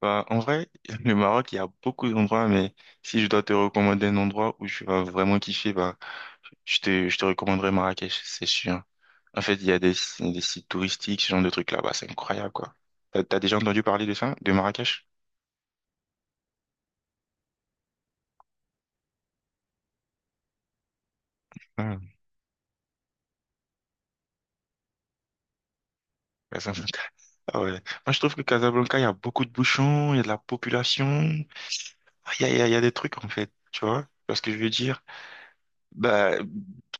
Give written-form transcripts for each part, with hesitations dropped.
Bah, en vrai, le Maroc, il y a beaucoup d'endroits, mais si je dois te recommander un endroit où tu vas vraiment kiffer, bah, je te recommanderais Marrakech, c'est sûr. En fait, il y a des sites touristiques, ce genre de trucs là-bas, c'est incroyable, quoi. T'as déjà entendu parler de ça, de Marrakech? Ah, Casablanca, ah ouais. Moi, je trouve que Casablanca, il y a beaucoup de bouchons, il y a de la population. Ah, il y a des trucs, en fait, tu vois? Tu vois ce que je veux dire? Bah,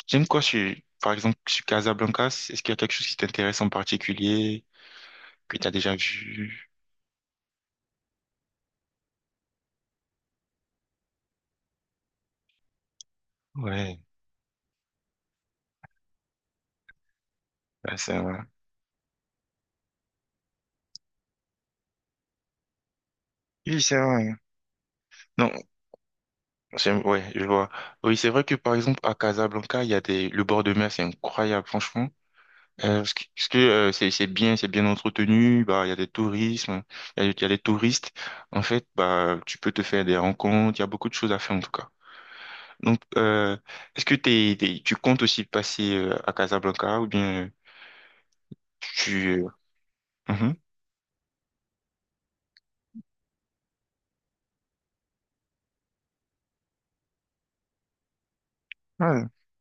j'aime quoi, sur, par exemple, sur Casablanca, est-ce qu'il y a quelque chose qui t'intéresse en particulier? Que t'as déjà vu. Ouais, ouais, c'est vrai. Oui, c'est vrai. Non, c'est, ouais, je vois. Oui, c'est vrai que par exemple, à Casablanca, il y a des, le bord de mer, c'est incroyable, franchement. Parce que c'est bien entretenu, bah, il y a des tourismes, il y a des touristes. En fait, bah, tu peux te faire des rencontres, il y a beaucoup de choses à faire, en tout cas. Donc, euh, est-ce que tu comptes aussi passer, à Casablanca, ou bien, tu, euh, mhm. Ouais.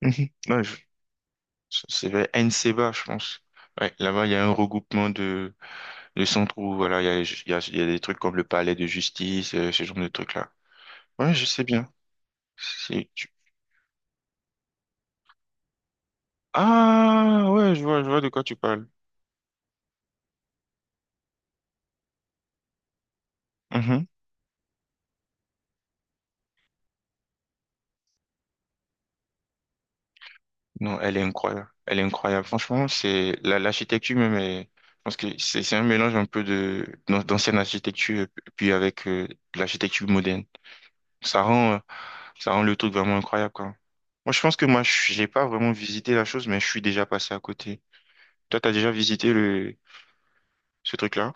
Mhm. Ouais, je C'est vers Nseba, je pense. Ouais, là-bas, il y a un regroupement de centres où, voilà, il y a des trucs comme le palais de justice, ce genre de trucs-là. Ouais, je sais bien. C'est, tu- Ah, ouais, je vois de quoi tu parles. Mhm. Non, elle est incroyable. Elle est incroyable. Franchement, l'architecture même est, je pense que c'est un mélange un peu de, d'ancienne architecture, puis avec, de l'architecture moderne. Ça rend, euh, ça rend le truc vraiment incroyable, quoi. Moi, je pense que moi, je j'ai pas vraiment visité la chose, mais je suis déjà passé à côté. Toi, t'as déjà visité le, ce truc-là?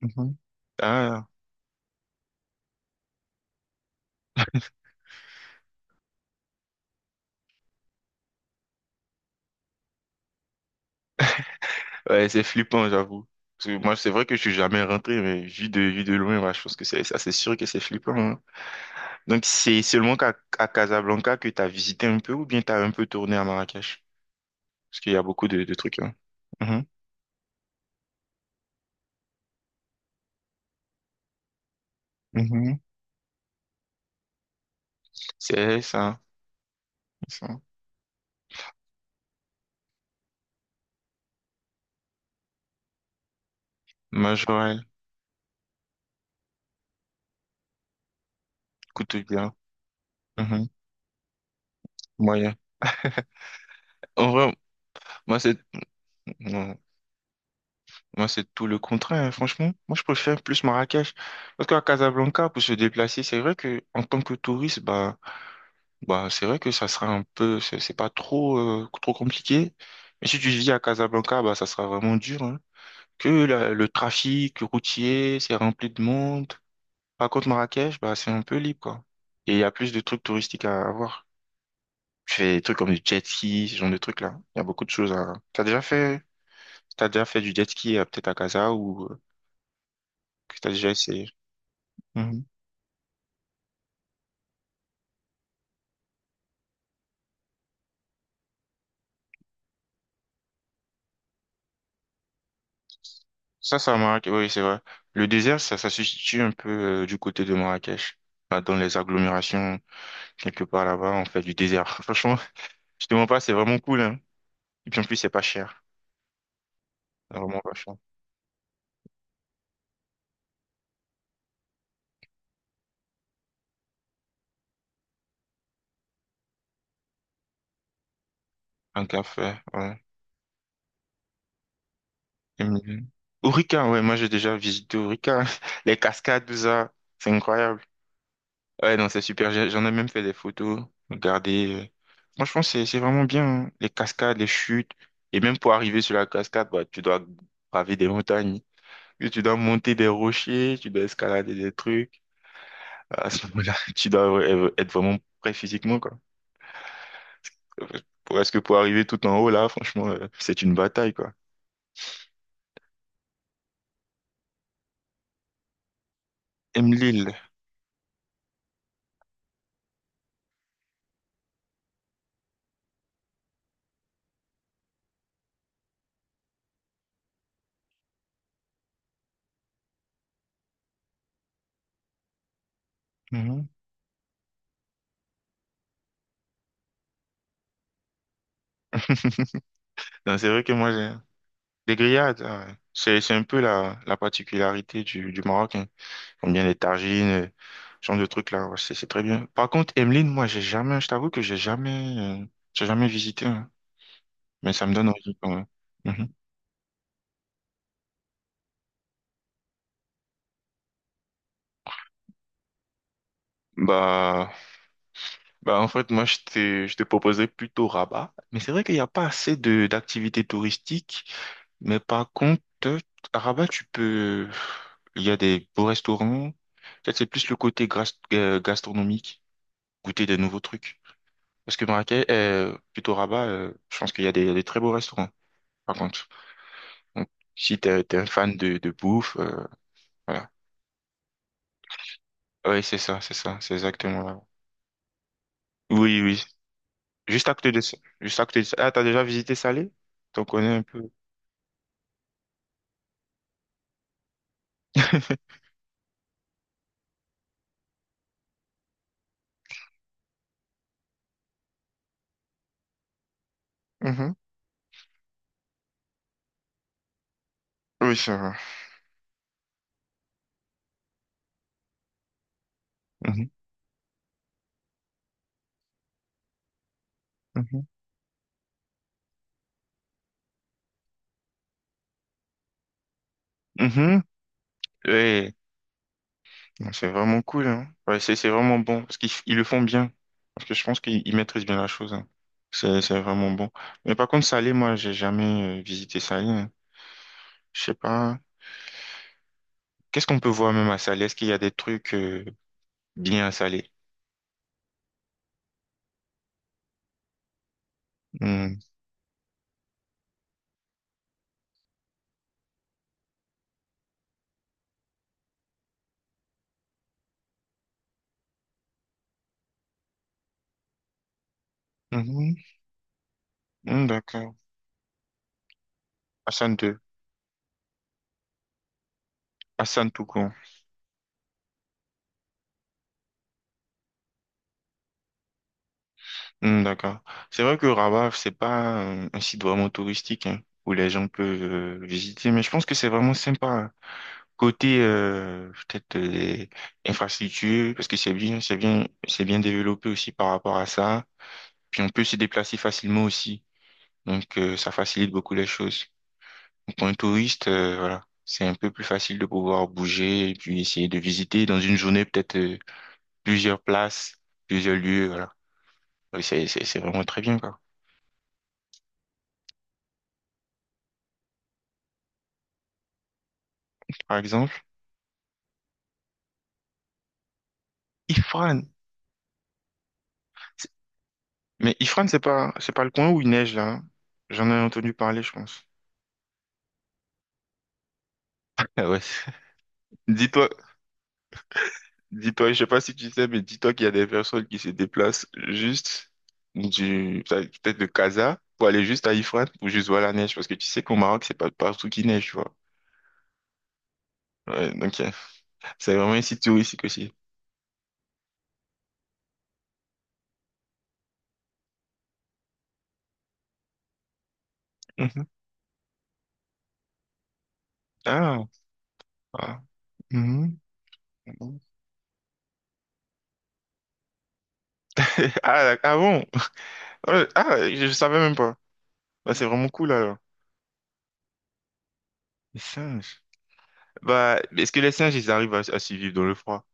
Mhm. Ah, ouais, c'est flippant, j'avoue. Parce que moi, c'est vrai que je suis jamais rentré, mais vu de loin, moi, je pense que c'est sûr que c'est flippant, hein. Donc, c'est seulement qu'à à Casablanca que t'as visité un peu ou bien t'as un peu tourné à Marrakech? Parce qu'il y a beaucoup de trucs, hein. Mhm. Mhm. C'est ça, c'est ça. Majorelle, Koutoubia, bien En vrai, moi, c'est, non, moi, c'est tout le contraire, hein, franchement. Moi, je préfère plus Marrakech. Parce qu'à Casablanca, pour se déplacer, c'est vrai que, en tant que touriste, bah, c'est vrai que ça sera un peu, c'est pas trop, trop compliqué. Mais si tu vis à Casablanca, bah, ça sera vraiment dur, hein. Que le trafic routier, c'est rempli de monde. Par contre, Marrakech, bah, c'est un peu libre, quoi. Et il y a plus de trucs touristiques à voir. Tu fais des trucs comme du jet ski, ce genre de trucs-là. Il y a beaucoup de choses à... T'as déjà fait du jet ski peut-être à Casa ou que t'as déjà essayé? Mhm. Ça Marrakech, oui, c'est vrai. Le désert, ça se situe un peu du côté de Marrakech. Là, dans les agglomérations, quelque part là-bas, on fait du désert. Franchement, je te mens pas, c'est vraiment cool, hein. Et puis en plus, c'est pas cher. C'est vraiment pas cher. Un café, ouais. Et puis, Ourika, ouais, moi j'ai déjà visité Ourika. Les cascades, tout ça, c'est incroyable. Ouais, non, c'est super. J'ai- J'en ai même fait des photos. Regardez. Euh. Franchement, c'est vraiment bien, hein. Les cascades, les chutes. Et même pour arriver sur la cascade, bah, tu dois braver des montagnes. Puis tu dois monter des rochers, tu dois escalader des trucs. À ce moment-là, tu dois être vraiment prêt physiquement, quoi. Pour- Parce que pour arriver tout en haut, là, franchement, c'est une bataille, quoi. Aime l'île. Mhm. Non, c'est vrai que moi, j'ai... Les grillades, ah ouais, c'est un peu la particularité du Maroc. J'aime bien les tagines, ce genre de trucs là, ouais, c'est très bien. Par contre, Emeline, moi, j'ai jamais, je t'avoue que j'ai jamais visité, hein. Mais ça me donne envie quand même. Mhm. Bah, bah, en fait, je te proposais plutôt Rabat, mais c'est vrai qu'il n'y a pas assez de d'activités touristiques, mais par contre, à Rabat, il y a des beaux restaurants, peut-être c'est plus le côté gastronomique, goûter des nouveaux trucs. Parce que plutôt Rabat, je pense qu'il y a des très beaux restaurants, par contre. Donc, si t'es un fan de bouffe, voilà. Oui, c'est exactement là. Oui, oui. Juste à côté de ça. Juste à côté de ça. Ah, t'as déjà visité Salé? T'en connais un peu. Mhm. Oui, ça va. Mhm, mhm, mhm. Ouais. Non, c'est vraiment cool, hein. Ouais, c'est vraiment bon. Parce qu'ils le font bien. Parce que je pense qu'ils maîtrisent bien la chose, hein. C'est vraiment bon. Mais par contre, Salé, moi, j'ai jamais visité Salé, hein. Je sais pas. Qu'est-ce qu'on peut voir même à Salé? Est-ce qu'il y a des trucs bien à Salé? Hmm. Mhm. Mm, d'accord. Hassan 2. Hassan tout court. Mm, d'accord. C'est vrai que Rabat, c'est pas un site vraiment touristique hein, où les gens peuvent visiter, mais je pense que c'est vraiment sympa, hein. Côté peut-être les infrastructures, parce que c'est bien développé aussi par rapport à ça. Puis on peut se déplacer facilement aussi. Donc ça facilite beaucoup les choses. Donc, pour un touriste, voilà, c'est un peu plus facile de pouvoir bouger et puis essayer de visiter dans une journée peut-être plusieurs places, plusieurs lieux, voilà. Oui, c'est vraiment très bien, quoi. Par exemple, Ifrane. C'est- Mais Ifrane, c'est pas le coin où il neige, là, hein. J'en ai entendu parler, je pense. Ah ouais. Dis-toi, dis-toi, je sais pas si tu sais, mais dis-toi qu'il y a des personnes qui se déplacent juste du, peut-être de Casa pour aller juste à Ifrane pour juste voir la neige. Parce que tu sais qu'au Maroc, c'est pas partout qui neige, tu vois. Ouais, donc, c'est vraiment un site touristique aussi. Mhm. Ah, ah. Mhm. Ah, ah bon? Je savais même pas. Bah, c'est vraiment cool alors. Les singes. Bah, est-ce que les singes, ils arrivent à survivre dans le froid?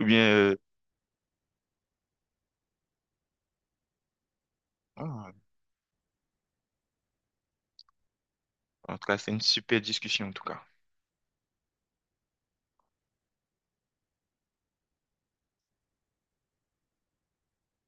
Ou bien... ah, en tout cas, c'est une super discussion en tout cas.